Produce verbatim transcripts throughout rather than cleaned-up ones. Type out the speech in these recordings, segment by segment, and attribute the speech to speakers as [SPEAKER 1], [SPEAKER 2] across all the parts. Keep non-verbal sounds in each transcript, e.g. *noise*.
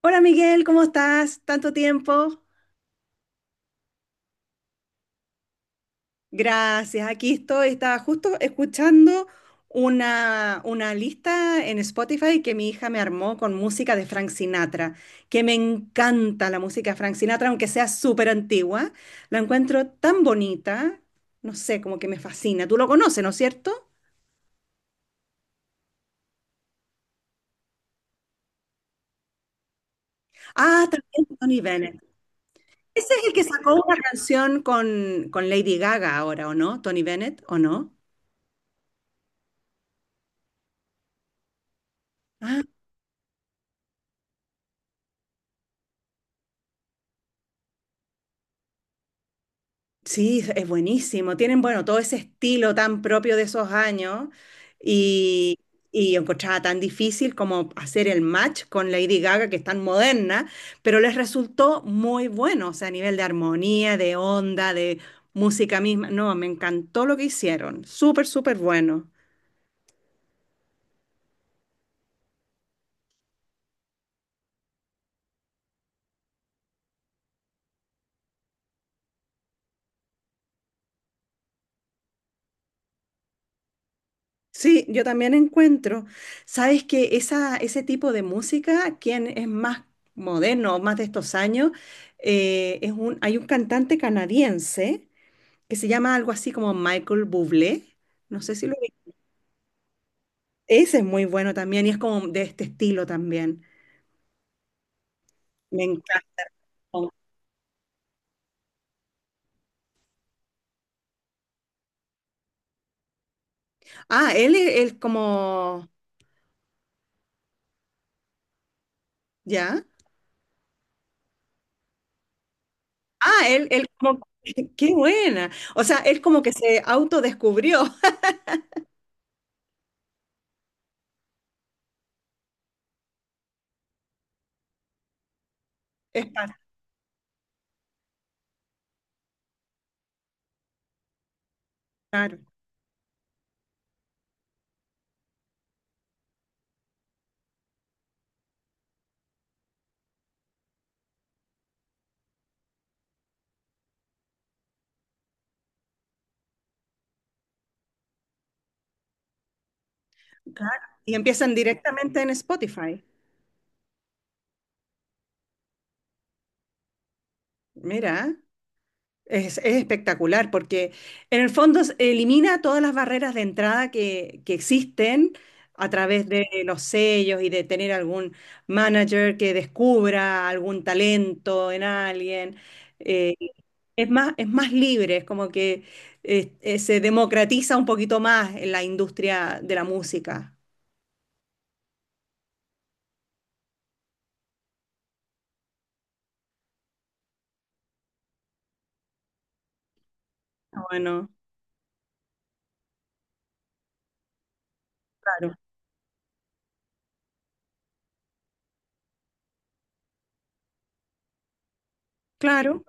[SPEAKER 1] Hola Miguel, ¿cómo estás? Tanto tiempo. Gracias, aquí estoy. Estaba justo escuchando una, una lista en Spotify que mi hija me armó con música de Frank Sinatra, que me encanta la música de Frank Sinatra, aunque sea súper antigua. La encuentro tan bonita, no sé, como que me fascina. Tú lo conoces, ¿no es cierto? Ah, también Tony Bennett. Ese es el que sacó una canción con, con Lady Gaga ahora, ¿o no? Tony Bennett, ¿o no? Sí, es es buenísimo. Tienen, bueno, todo ese estilo tan propio de esos años y, y yo encontraba tan difícil como hacer el match con Lady Gaga, que es tan moderna, pero les resultó muy bueno, o sea, a nivel de armonía, de onda, de música misma. No, me encantó lo que hicieron. Súper, súper bueno. Sí, yo también encuentro, sabes que esa, ese tipo de música, quien es más moderno, más de estos años, eh, es un, hay un cantante canadiense que se llama algo así como Michael Bublé. No sé si lo vi. Ese es muy bueno también y es como de este estilo también. Me encanta. Ah, él es él como, ¿ya? Ah, él, él como, *laughs* qué buena. O sea, él como que se autodescubrió. *laughs* Es pa- claro, claro. Y empiezan directamente en Spotify. Mira. Es, es espectacular porque en el fondo s- elimina todas las barreras de entrada que, que existen a través de los sellos y de tener algún manager que descubra algún talento en alguien. Eh, es más, es más libre, es como que eh, eh, se democratiza un poquito más en la industria de la música. Bueno, claro, claro.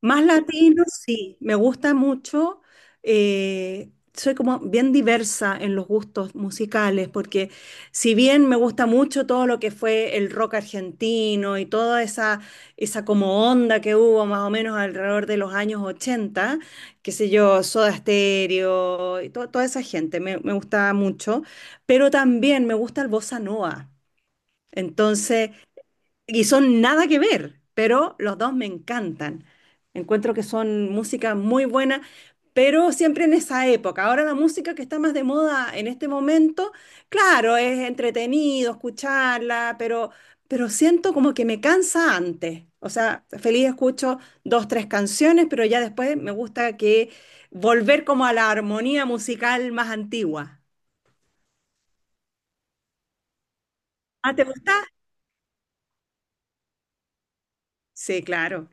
[SPEAKER 1] Más latino, sí, me gusta mucho. eh, soy como bien diversa en los gustos musicales, porque si bien me gusta mucho todo lo que fue el rock argentino y toda esa, esa como onda que hubo más o menos alrededor de los años ochenta, qué sé yo, Soda Stereo y to- toda esa gente, me, me gustaba mucho, pero también me gusta el bossa nova. Entonces, y son nada que ver, pero los dos me encantan. Encuentro que son música muy buena, pero siempre en esa época. Ahora la música que está más de moda en este momento, claro, es entretenido escucharla, pero, pero siento como que me cansa antes. O sea, feliz escucho dos, tres canciones, pero ya después me gusta que volver como a la armonía musical más antigua. ¿Ah, te gusta? Sí, claro,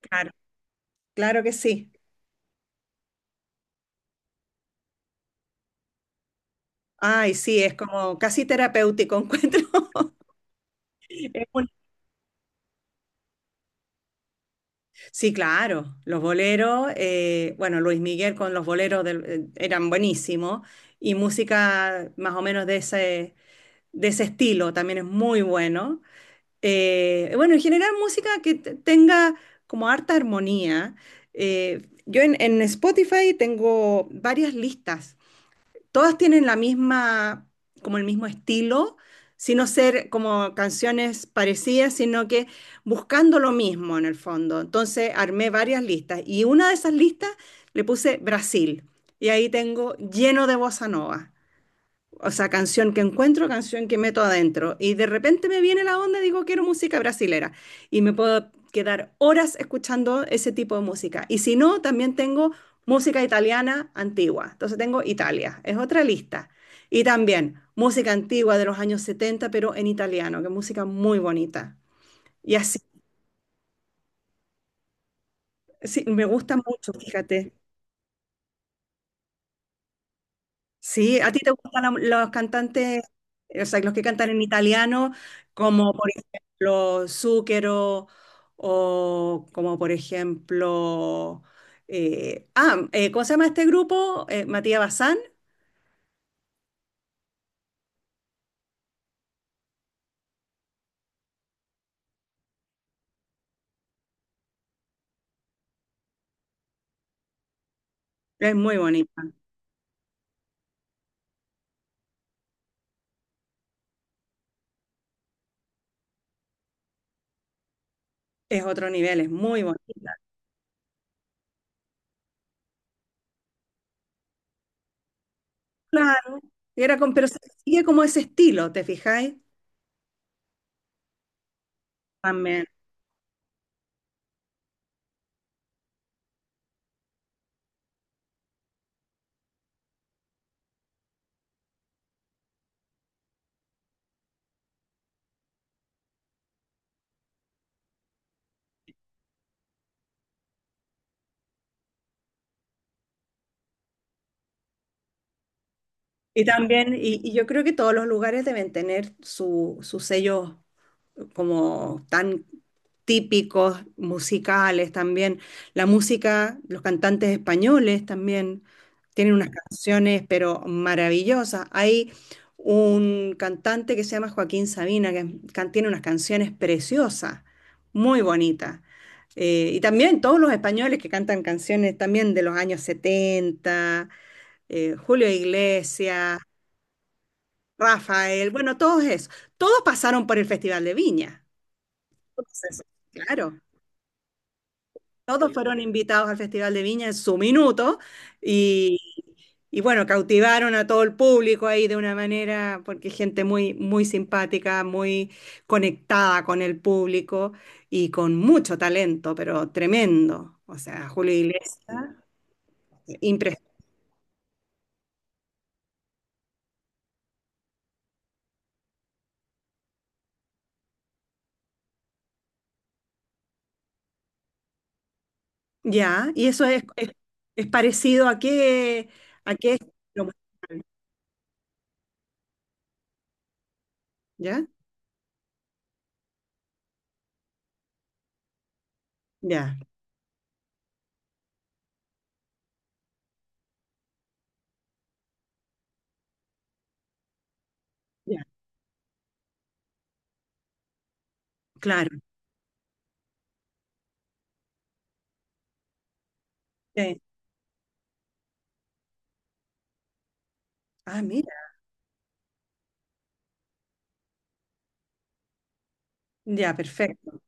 [SPEAKER 1] claro, claro que sí. Ay, sí, es como casi terapéutico encuentro. *laughs* Es un- Sí, claro, los boleros, eh, bueno, Luis Miguel con los boleros del- eh, eran buenísimos y música más o menos de ese, de ese, estilo también es muy bueno. Eh, bueno, en general música que te- tenga como harta armonía. Eh, yo en, en Spotify tengo varias listas todas tienen la misma, como el mismo estilo, sino ser como canciones parecidas, sino que buscando lo mismo en el fondo. Entonces armé varias listas y una de esas listas le puse Brasil y ahí tengo lleno de bossa nova. O sea, canción que encuentro, canción que meto adentro. Y de repente me viene la onda y digo, quiero música brasilera. Y me puedo quedar horas escuchando ese tipo de música. Y si no, también tengo música italiana antigua. Entonces tengo Italia, es otra lista. Y también música antigua de los años setenta pero en italiano, que es música muy bonita. Y así, sí, me gusta mucho, fíjate. Sí, ¿a ti te gustan la- los cantantes, o sea, los que cantan en italiano, como por ejemplo Zucchero o como por ejemplo, eh, ah, eh, ¿cómo se llama este grupo? Eh, Matías Bazán. Es muy bonita, es otro nivel, es muy bonita. Claro, era con, pero se sigue como ese estilo, ¿te fijáis? También. Y también, y, y yo creo que todos los lugares deben tener su, sus sellos como tan típicos musicales también. La música, los cantantes españoles también tienen unas canciones, pero maravillosas. Hay un cantante que se llama Joaquín Sabina, que can- tiene unas canciones preciosas, muy bonitas. Eh, y también todos los españoles que cantan canciones también de los años setenta eh, Julio Iglesias, Rafael, bueno, todos esos. Todos pasaron por el Festival de Viña. Entonces, claro, todos fueron invitados al Festival de Viña en su minuto y, y bueno, cautivaron a todo el público ahí de una manera, porque gente muy, muy simpática, muy conectada con el público y con mucho talento, pero tremendo. O sea, Julio Iglesias, impres- ya, y eso es, es, es, parecido a qué, a qué estilo musical, ¿ya? Ya, ya, claro. Sí. Ah, mira, ya, perfecto.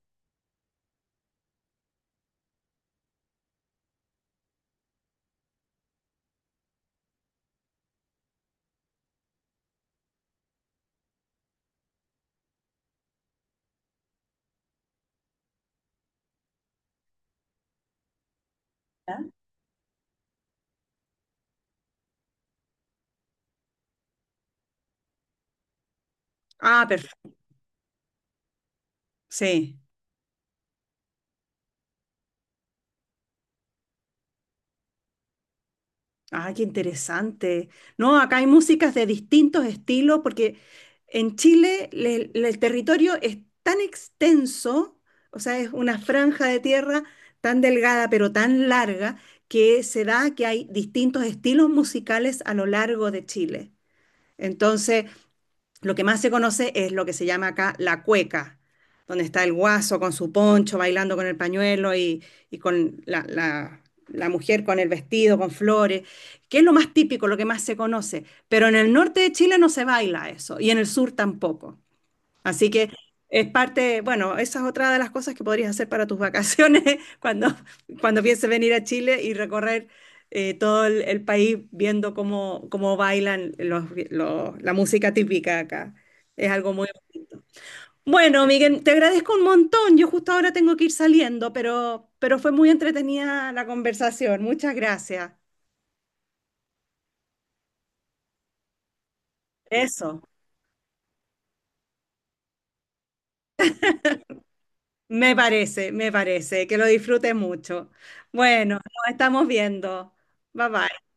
[SPEAKER 1] ¿Ya? Ah, perfecto. Sí. Ah, qué interesante. No, acá hay músicas de distintos estilos porque en Chile le- le- el territorio es tan extenso, o sea, es una franja de tierra tan delgada pero tan larga que se da que hay distintos estilos musicales a lo largo de Chile. Entonces, lo que más se conoce es lo que se llama acá la cueca, donde está el guaso con su poncho bailando con el pañuelo y, y con la, la- la mujer con el vestido, con flores, que es lo más típico, lo que más se conoce. Pero en el norte de Chile no se baila eso y en el sur tampoco. Así que es parte, bueno, esa es otra de las cosas que podrías hacer para tus vacaciones *laughs* cuando, cuando pienses venir a Chile y recorrer eh, todo el, el país viendo cómo, cómo bailan los, los- la música típica acá. Es algo muy bonito. Bueno, Miguel, te agradezco un montón. Yo justo ahora tengo que ir saliendo, pero, pero fue muy entretenida la conversación. Muchas gracias. Eso, me parece, me parece. Que lo disfrutes mucho. Bueno, nos estamos viendo. Bye bye.